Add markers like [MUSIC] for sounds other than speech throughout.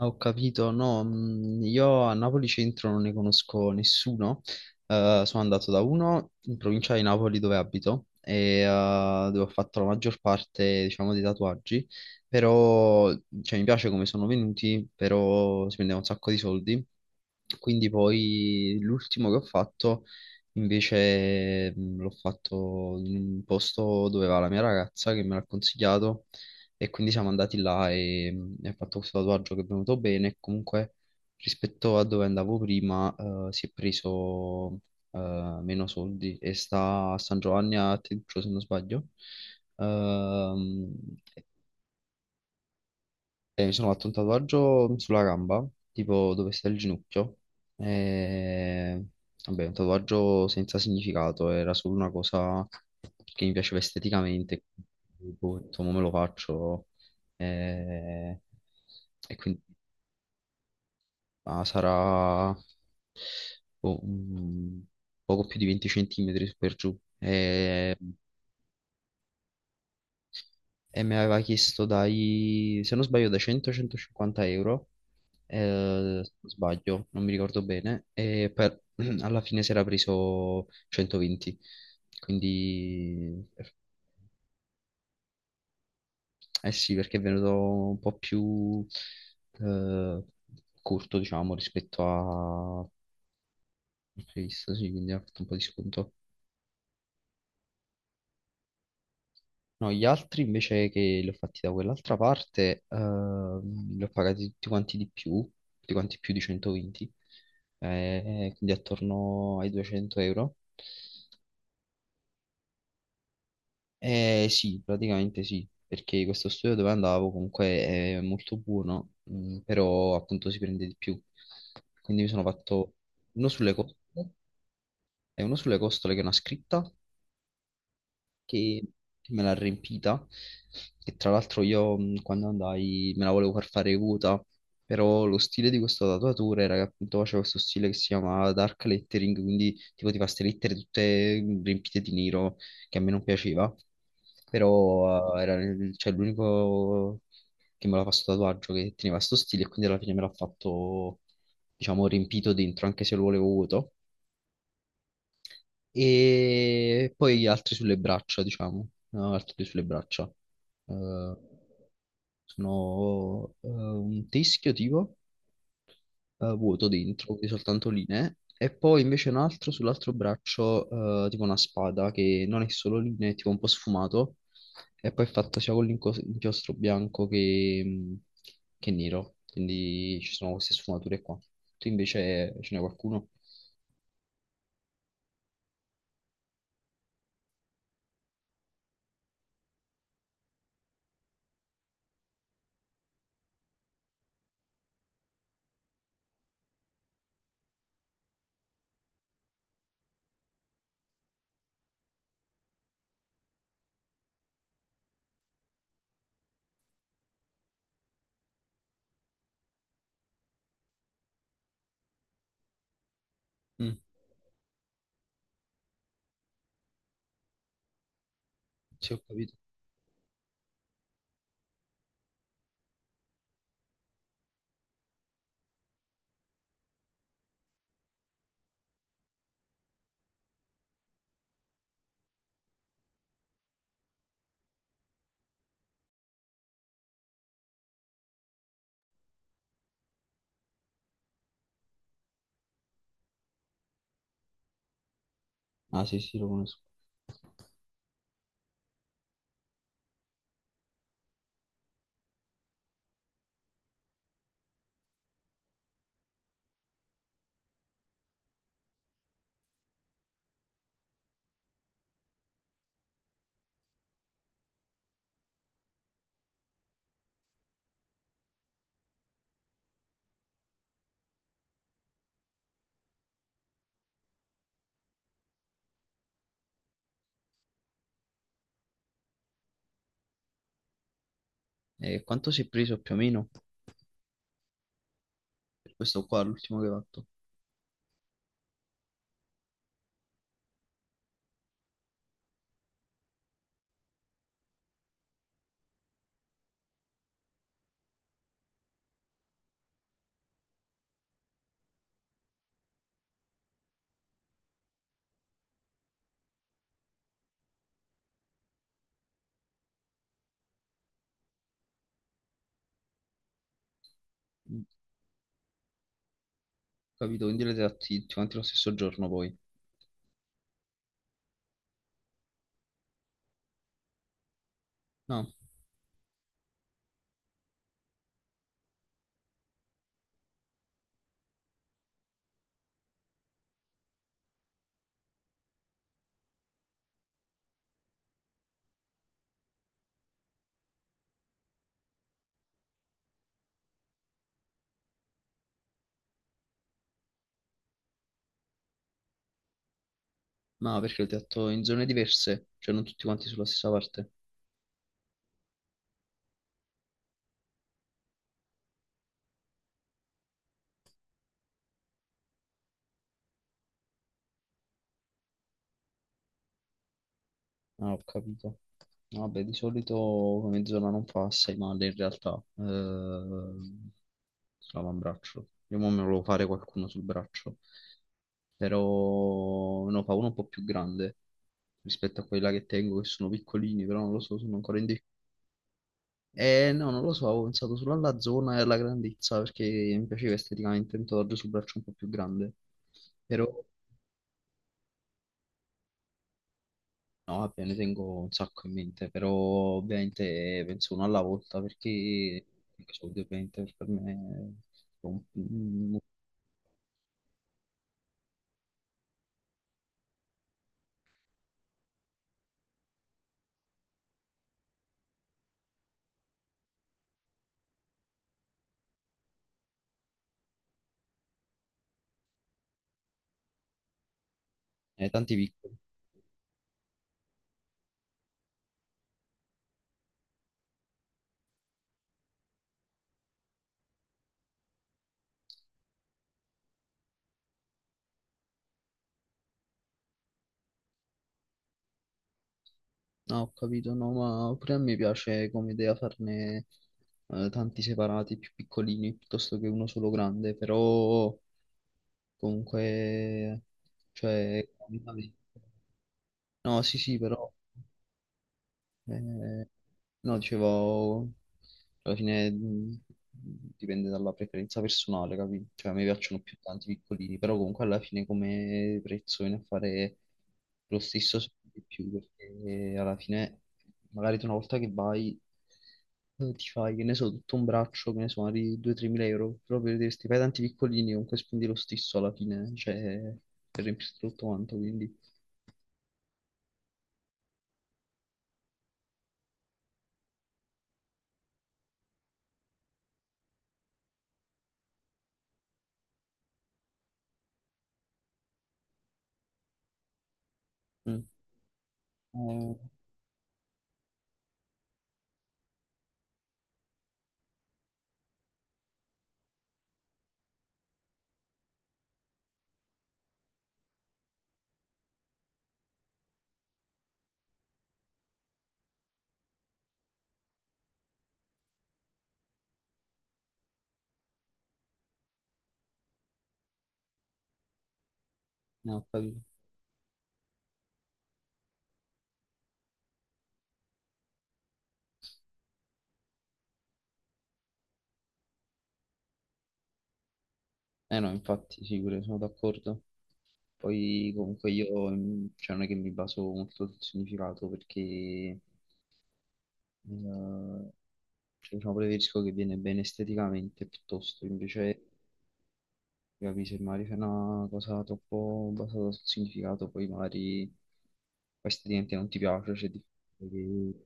Ah, ho capito, no, io a Napoli Centro non ne conosco nessuno. Sono andato da uno in provincia di Napoli dove abito e dove ho fatto la maggior parte, diciamo, dei tatuaggi, però cioè, mi piace come sono venuti, però si prendeva un sacco di soldi, quindi poi l'ultimo che ho fatto invece l'ho fatto in un posto dove va la mia ragazza che me l'ha consigliato e quindi siamo andati là e ho fatto questo tatuaggio che è venuto bene. Comunque, rispetto a dove andavo prima, si è preso meno soldi e sta a San Giovanni a Teduccio, se non sbaglio. Ehm, e mi sono fatto un tatuaggio sulla gamba, tipo dove sta il ginocchio. E... Vabbè, un tatuaggio senza significato, era solo una cosa che mi piaceva esteticamente. Boh, ho detto, "Mo me lo faccio." E, e quindi sarà boh, un poco più di 20 centimetri su per giù. E me l'aveva chiesto dai, se non sbaglio, da 100-150 euro, se non sbaglio, non mi ricordo bene. [CLEARS THROAT] Alla fine si era preso 120. Quindi, eh sì, perché è venuto un po' più eh, corto, diciamo, rispetto a previsto, sì, quindi ha fatto un po' di sconto. No, gli altri invece che li ho fatti da quell'altra parte, li ho pagati tutti quanti di più, tutti quanti più di 120, quindi attorno ai 200 euro. Sì, praticamente sì, perché questo studio dove andavo comunque è molto buono, però appunto si prende di più. Quindi mi sono fatto uno sulle costole e uno sulle costole che è una scritta che, me l'ha riempita, che tra l'altro io quando andai me la volevo far fare acuta, però lo stile di questo tatuatore era che appunto faceva questo stile che si chiama dark lettering, quindi tipo ti fa queste lettere tutte riempite di nero, che a me non piaceva, però cioè, l'unico che me l'ha fatto sto tatuaggio che teneva sto stile e quindi alla fine me l'ha fatto diciamo riempito dentro, anche se lo volevo vuoto, e poi gli altri sulle braccia, diciamo, no, altri sulle braccia. Eh, sono un teschio tipo vuoto dentro, quindi soltanto linee, e poi invece un altro sull'altro braccio, tipo una spada che non è solo linee, è tipo un po' sfumato, e poi è fatta sia con l'inchiostro bianco che nero, quindi ci sono queste sfumature qua. Tu invece ce n'è qualcuno? Mm, sì, ho capito. Ah, sì, sì, lo conosco. E quanto si è preso più o meno? Questo qua, l'ultimo che hai fatto. Mm. Capito? Quindi l'avete fatti tutti quanti lo stesso giorno poi. No, no, perché l'avete fatto in zone diverse, cioè non tutti quanti sulla stessa parte. Ah, ho capito. No, vabbè, di solito come zona non fa assai male in realtà. Sull'avambraccio. Io mo me lo volevo fare qualcuno sul braccio, però ne fa uno un po' più grande rispetto a quella che tengo, che sono piccolini, però non lo so, sono ancora in... no, non lo so, ho pensato solo alla zona e alla grandezza perché mi piaceva esteticamente un tatuaggio sul braccio un po' più grande. Però, no, vabbè, ne tengo un sacco in mente, però ovviamente penso uno alla volta perché soldi ovviamente per me sono un- tanti piccoli. No, ho capito, no, ma pure a me piace come idea farne tanti separati, più piccolini, piuttosto che uno solo grande, però comunque, cioè... No, sì, sì, però... eh, no, dicevo... Alla fine, dipende dalla preferenza personale, capito? Cioè, a me piacciono più tanti piccolini, però comunque alla fine come prezzo viene a fare lo stesso se non di più, perché alla fine magari tu una volta che vai ti fai, che ne so, tutto un braccio, che ne so, magari 2-3 mila euro, però per dire, se ti fai tanti piccolini, comunque spendi lo stesso alla fine, cioè per riempirti tutto quanto, quindi... Mm. Eh, no, ho capito. Eh no, infatti, sì, pure sono d'accordo. Poi comunque io cioè, non è che mi baso molto sul significato perché cioè, diciamo preferisco che viene bene esteticamente piuttosto, invece capi, se magari fai una cosa troppo basata sul significato, poi magari poi esteticamente non ti piace, c'è difficile che...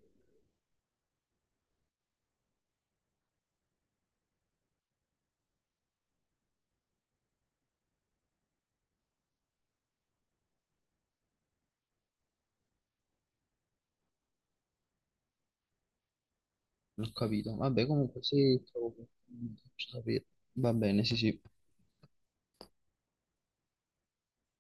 Non ho capito. Vabbè, comunque se trovo qualcuno, faccio sapere. Va bene, sì, sì.